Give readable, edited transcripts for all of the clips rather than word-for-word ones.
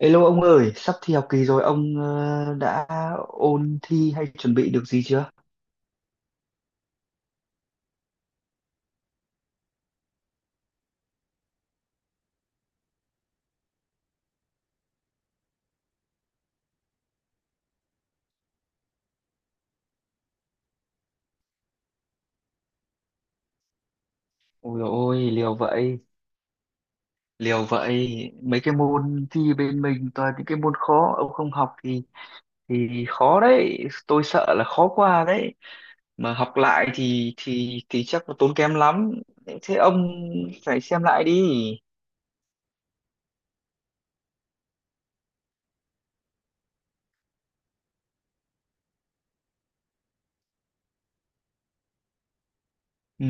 Hello ông ơi, sắp thi học kỳ rồi, ông đã ôn thi hay chuẩn bị được gì chưa? Ôi dồi ôi, liều vậy, liều vậy. Mấy cái môn thi bên mình toàn những cái môn khó, ông không học thì khó đấy. Tôi sợ là khó qua đấy. Mà học lại thì chắc là tốn kém lắm. Thế ông phải xem lại đi. Ừ,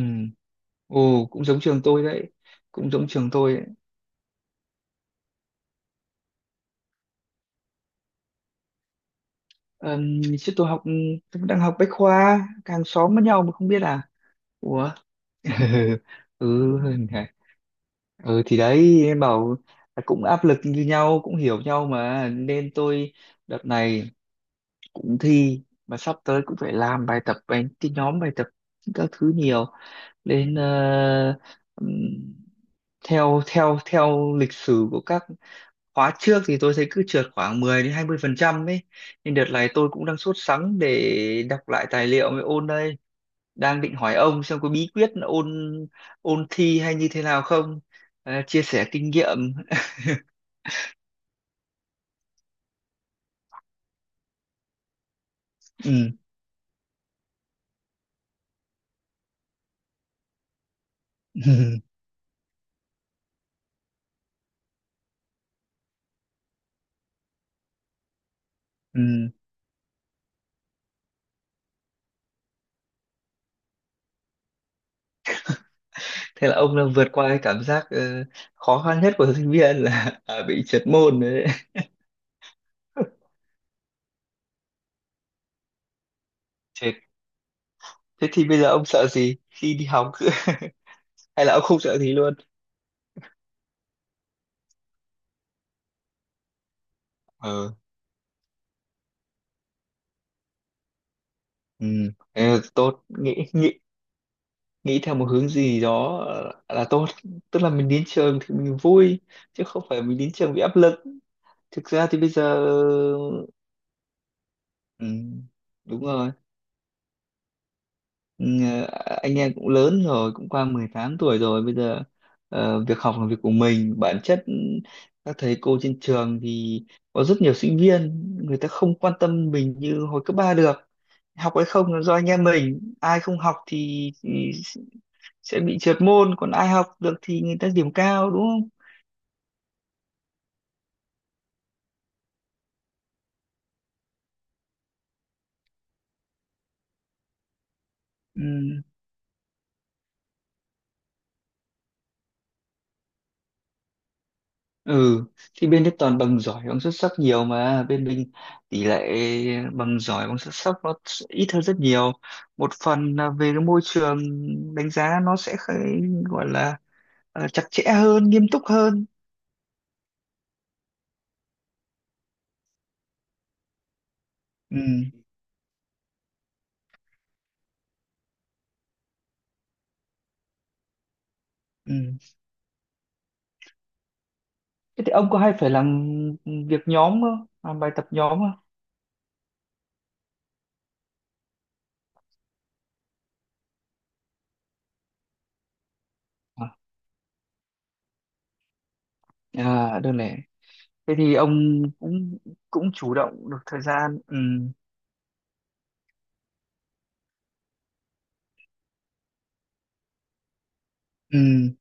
ồ cũng giống trường tôi đấy, cũng giống trường tôi đấy. Chứ tôi đang học Bách Khoa, hàng xóm với nhau mà không biết à? Ủa? Ừ, hả? Ừ thì đấy em bảo là cũng áp lực như nhau cũng hiểu nhau mà nên tôi đợt này cũng thi mà sắp tới cũng phải làm bài tập bài cái nhóm bài tập các thứ nhiều nên ừm, theo theo theo lịch sử của các khóa trước thì tôi thấy cứ trượt khoảng 10 đến 20% ấy, nên đợt này tôi cũng đang sốt sắng để đọc lại tài liệu mới ôn đây, đang định hỏi ông xem có bí quyết ôn ôn thi hay như thế nào không. Chia sẻ kinh nghiệm. Ừ. Ừ. Thế là ông đã vượt qua cái cảm giác khó khăn nhất của sinh viên là à, bị trượt môn đấy. Đấy. Thế, thế thì bây giờ ông sợ gì khi đi học hay là ông không sợ gì luôn? Ờ, ừ, thế là tốt, nghĩ nghĩ nghĩ theo một hướng gì đó là tốt, tức là mình đến trường thì mình vui chứ không phải mình đến trường bị áp lực. Thực ra thì bây giờ, ừ, đúng rồi, ừ, anh em cũng lớn rồi, cũng qua 18 tuổi rồi. Bây giờ việc học là việc của mình bản chất. Ừ, các thầy cô trên trường thì có rất nhiều sinh viên, người ta không quan tâm mình như hồi cấp 3 được. Học hay không là do anh em mình, ai không học thì sẽ bị trượt môn, còn ai học được thì người ta điểm cao, đúng không? Ừ, ừ, thì bên đấy toàn bằng giỏi bằng xuất sắc nhiều, mà bên mình tỷ lệ bằng giỏi bằng xuất sắc nó sẽ ít hơn rất nhiều. Một phần là về cái môi trường đánh giá nó sẽ gọi là chặt chẽ hơn, nghiêm túc hơn. Ừ, ừ. Thế thì ông có hay phải làm việc nhóm không, làm bài tập nhóm không? À, à đơn lẻ. Thế thì ông cũng cũng chủ động được thời gian, ừ, ừ.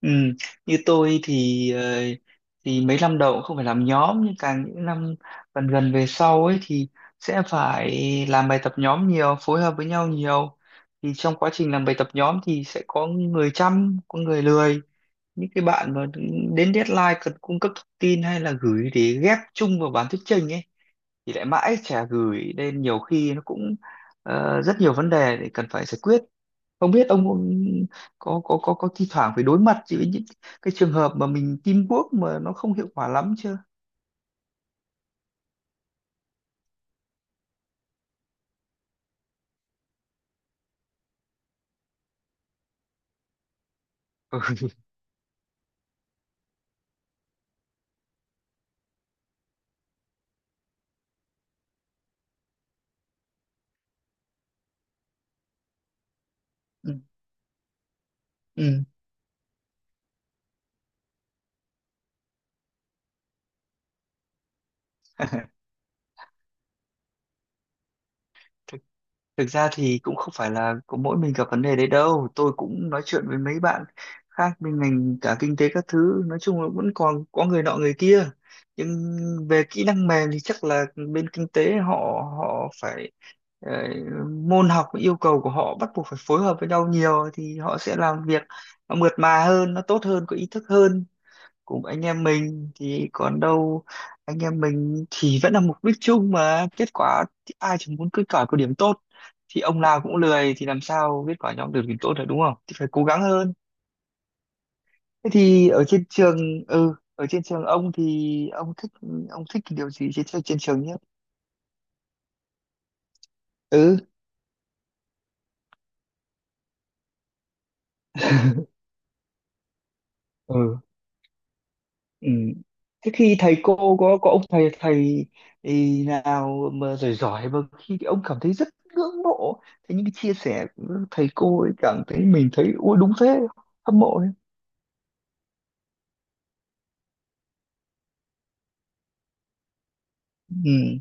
Ừ. Như tôi thì mấy năm đầu cũng không phải làm nhóm, nhưng càng những năm gần gần về sau ấy thì sẽ phải làm bài tập nhóm nhiều, phối hợp với nhau nhiều. Thì trong quá trình làm bài tập nhóm thì sẽ có người chăm có người lười, những cái bạn mà đến deadline cần cung cấp thông tin hay là gửi để ghép chung vào bản thuyết trình ấy thì lại mãi chả gửi, nên nhiều khi nó cũng rất nhiều vấn đề để cần phải giải quyết. Không biết ông có thi thoảng phải đối mặt với những cái trường hợp mà mình teamwork mà nó không hiệu quả lắm chưa? Ừ. Ừ, ừ. Thực ra thì cũng không phải là có mỗi mình gặp vấn đề đấy đâu. Tôi cũng nói chuyện với mấy bạn khác bên ngành cả kinh tế các thứ. Nói chung là vẫn còn có người nọ người kia. Nhưng về kỹ năng mềm thì chắc là bên kinh tế họ họ phải ờ, môn học yêu cầu của họ bắt buộc phải phối hợp với nhau nhiều thì họ sẽ làm việc nó mượt mà hơn, nó tốt hơn, có ý thức hơn. Cùng anh em mình thì còn đâu, anh em mình thì vẫn là mục đích chung mà kết quả thì ai chẳng muốn kết quả có điểm tốt. Thì ông nào cũng lười thì làm sao kết quả nhóm được điểm tốt được, đúng không? Thì phải cố gắng hơn. Thế thì ở trên trường, ừ, ở trên trường ông thì ông thích, ông thích cái điều gì trên trên trường nhất? Ừ. Ừ. Ừ. Thế khi thầy cô có ông thầy thầy ý nào mà giỏi giỏi mà khi ông cảm thấy rất ngưỡng mộ, thế những cái chia sẻ của thầy cô ấy cảm thấy mình thấy ui đúng thế, hâm mộ đấy. Ừ.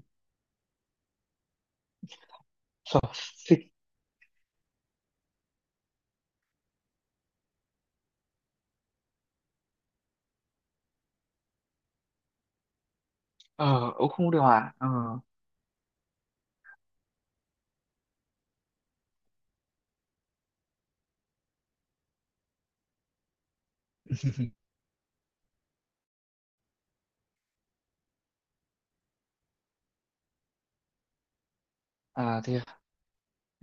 Sợ. Ờ ông không điều hòa, à thế à?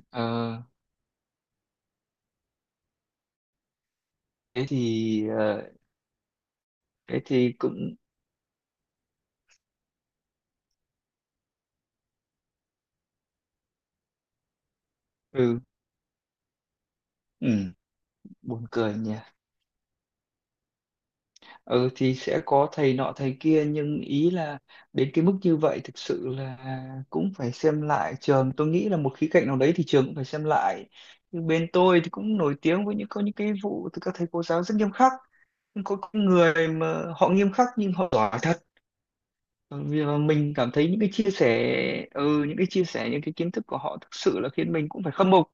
ờ thế thì thế thì cũng ừ, ừ, buồn cười nhỉ. Ừ, thì sẽ có thầy nọ thầy kia, nhưng ý là đến cái mức như vậy thực sự là cũng phải xem lại, trường tôi nghĩ là một khía cạnh nào đấy thì trường cũng phải xem lại. Nhưng bên tôi thì cũng nổi tiếng với những có những cái vụ từ các thầy cô giáo rất nghiêm khắc, nhưng có những người mà họ nghiêm khắc nhưng họ giỏi thật, vì mà mình cảm thấy những cái chia sẻ, ừ, những cái chia sẻ những cái kiến thức của họ thực sự là khiến mình cũng phải khâm phục.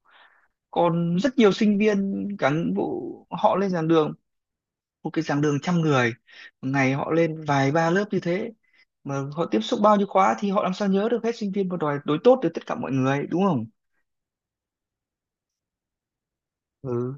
Còn rất nhiều sinh viên cán bộ họ lên giảng đường, một cái giảng đường trăm người, một ngày họ lên vài ba lớp như thế, mà họ tiếp xúc bao nhiêu khóa thì họ làm sao nhớ được hết sinh viên và đòi đối tốt với tất cả mọi người, đúng không? Ừ,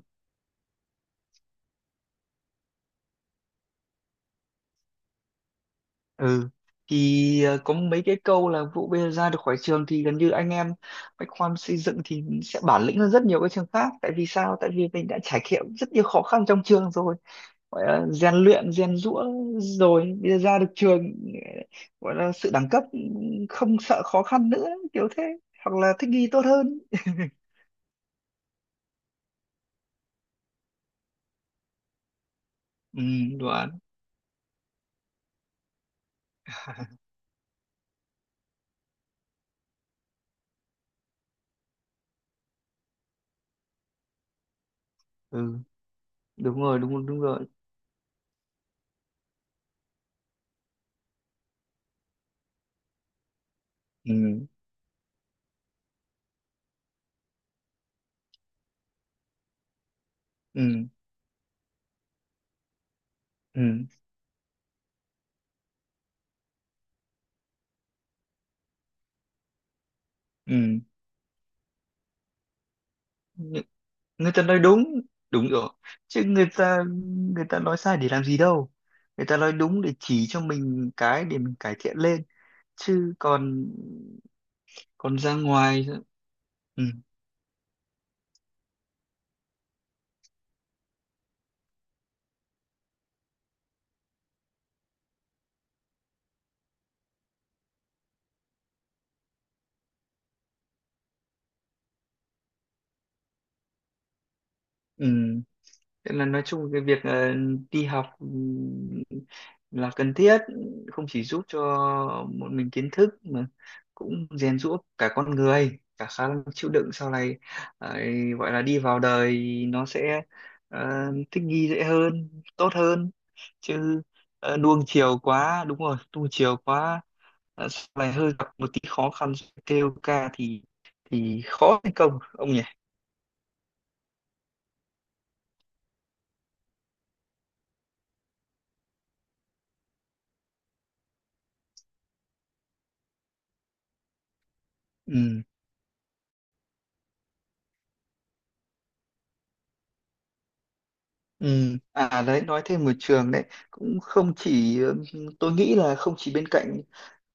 ừ, thì có mấy cái câu là vụ bây giờ ra được khỏi trường thì gần như anh em bách khoa xây dựng thì sẽ bản lĩnh hơn rất nhiều các trường khác, tại vì sao, tại vì mình đã trải nghiệm rất nhiều khó khăn trong trường rồi, gọi là rèn luyện rèn giũa, rồi bây giờ ra được trường gọi là sự đẳng cấp, không sợ khó khăn nữa, kiểu thế, hoặc là thích nghi tốt hơn. Ừ, đoán, ừ, đúng rồi, đúng đúng rồi. Ừ, ừ, ừ, ừ. Ng- người ta nói đúng, đúng rồi, chứ người ta, người ta nói sai để làm gì đâu, người ta nói đúng để chỉ cho mình cái để mình cải thiện lên chứ còn, còn ra ngoài, ừ, ừ. Thế là nói chung cái việc đi học, là cần thiết, không chỉ giúp cho một mình kiến thức mà cũng rèn giũa cả con người cả khả năng chịu đựng sau này ấy, gọi là đi vào đời nó sẽ ờ, thích nghi dễ hơn tốt hơn, chứ nuông chiều quá, đúng rồi, nuông chiều quá sau này hơi gặp một tí khó khăn kêu ca thì khó thành công ông nhỉ. Ừ. Ừ. À đấy nói thêm một trường đấy, cũng không chỉ tôi nghĩ là không chỉ, bên cạnh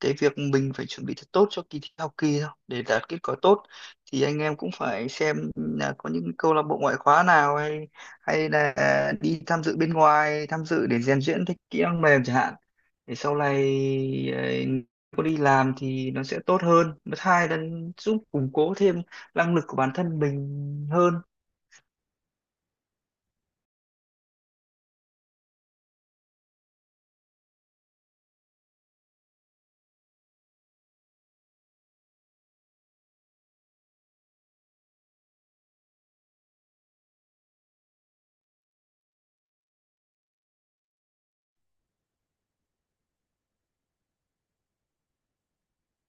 cái việc mình phải chuẩn bị thật tốt cho kỳ thi học kỳ đâu để đạt kết quả tốt, thì anh em cũng phải xem là có những câu lạc bộ ngoại khóa nào hay, hay là đi tham dự bên ngoài, tham dự để rèn luyện thêm kỹ năng mềm chẳng hạn, để sau này ấy, có đi làm thì nó sẽ tốt hơn, thứ hai là giúp củng cố thêm năng lực của bản thân mình hơn.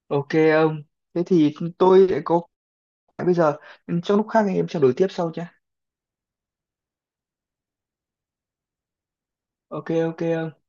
Ok ông. Thế thì tôi lại có bây giờ, trong lúc khác anh em trao đổi tiếp sau nhé. Ok ok ok.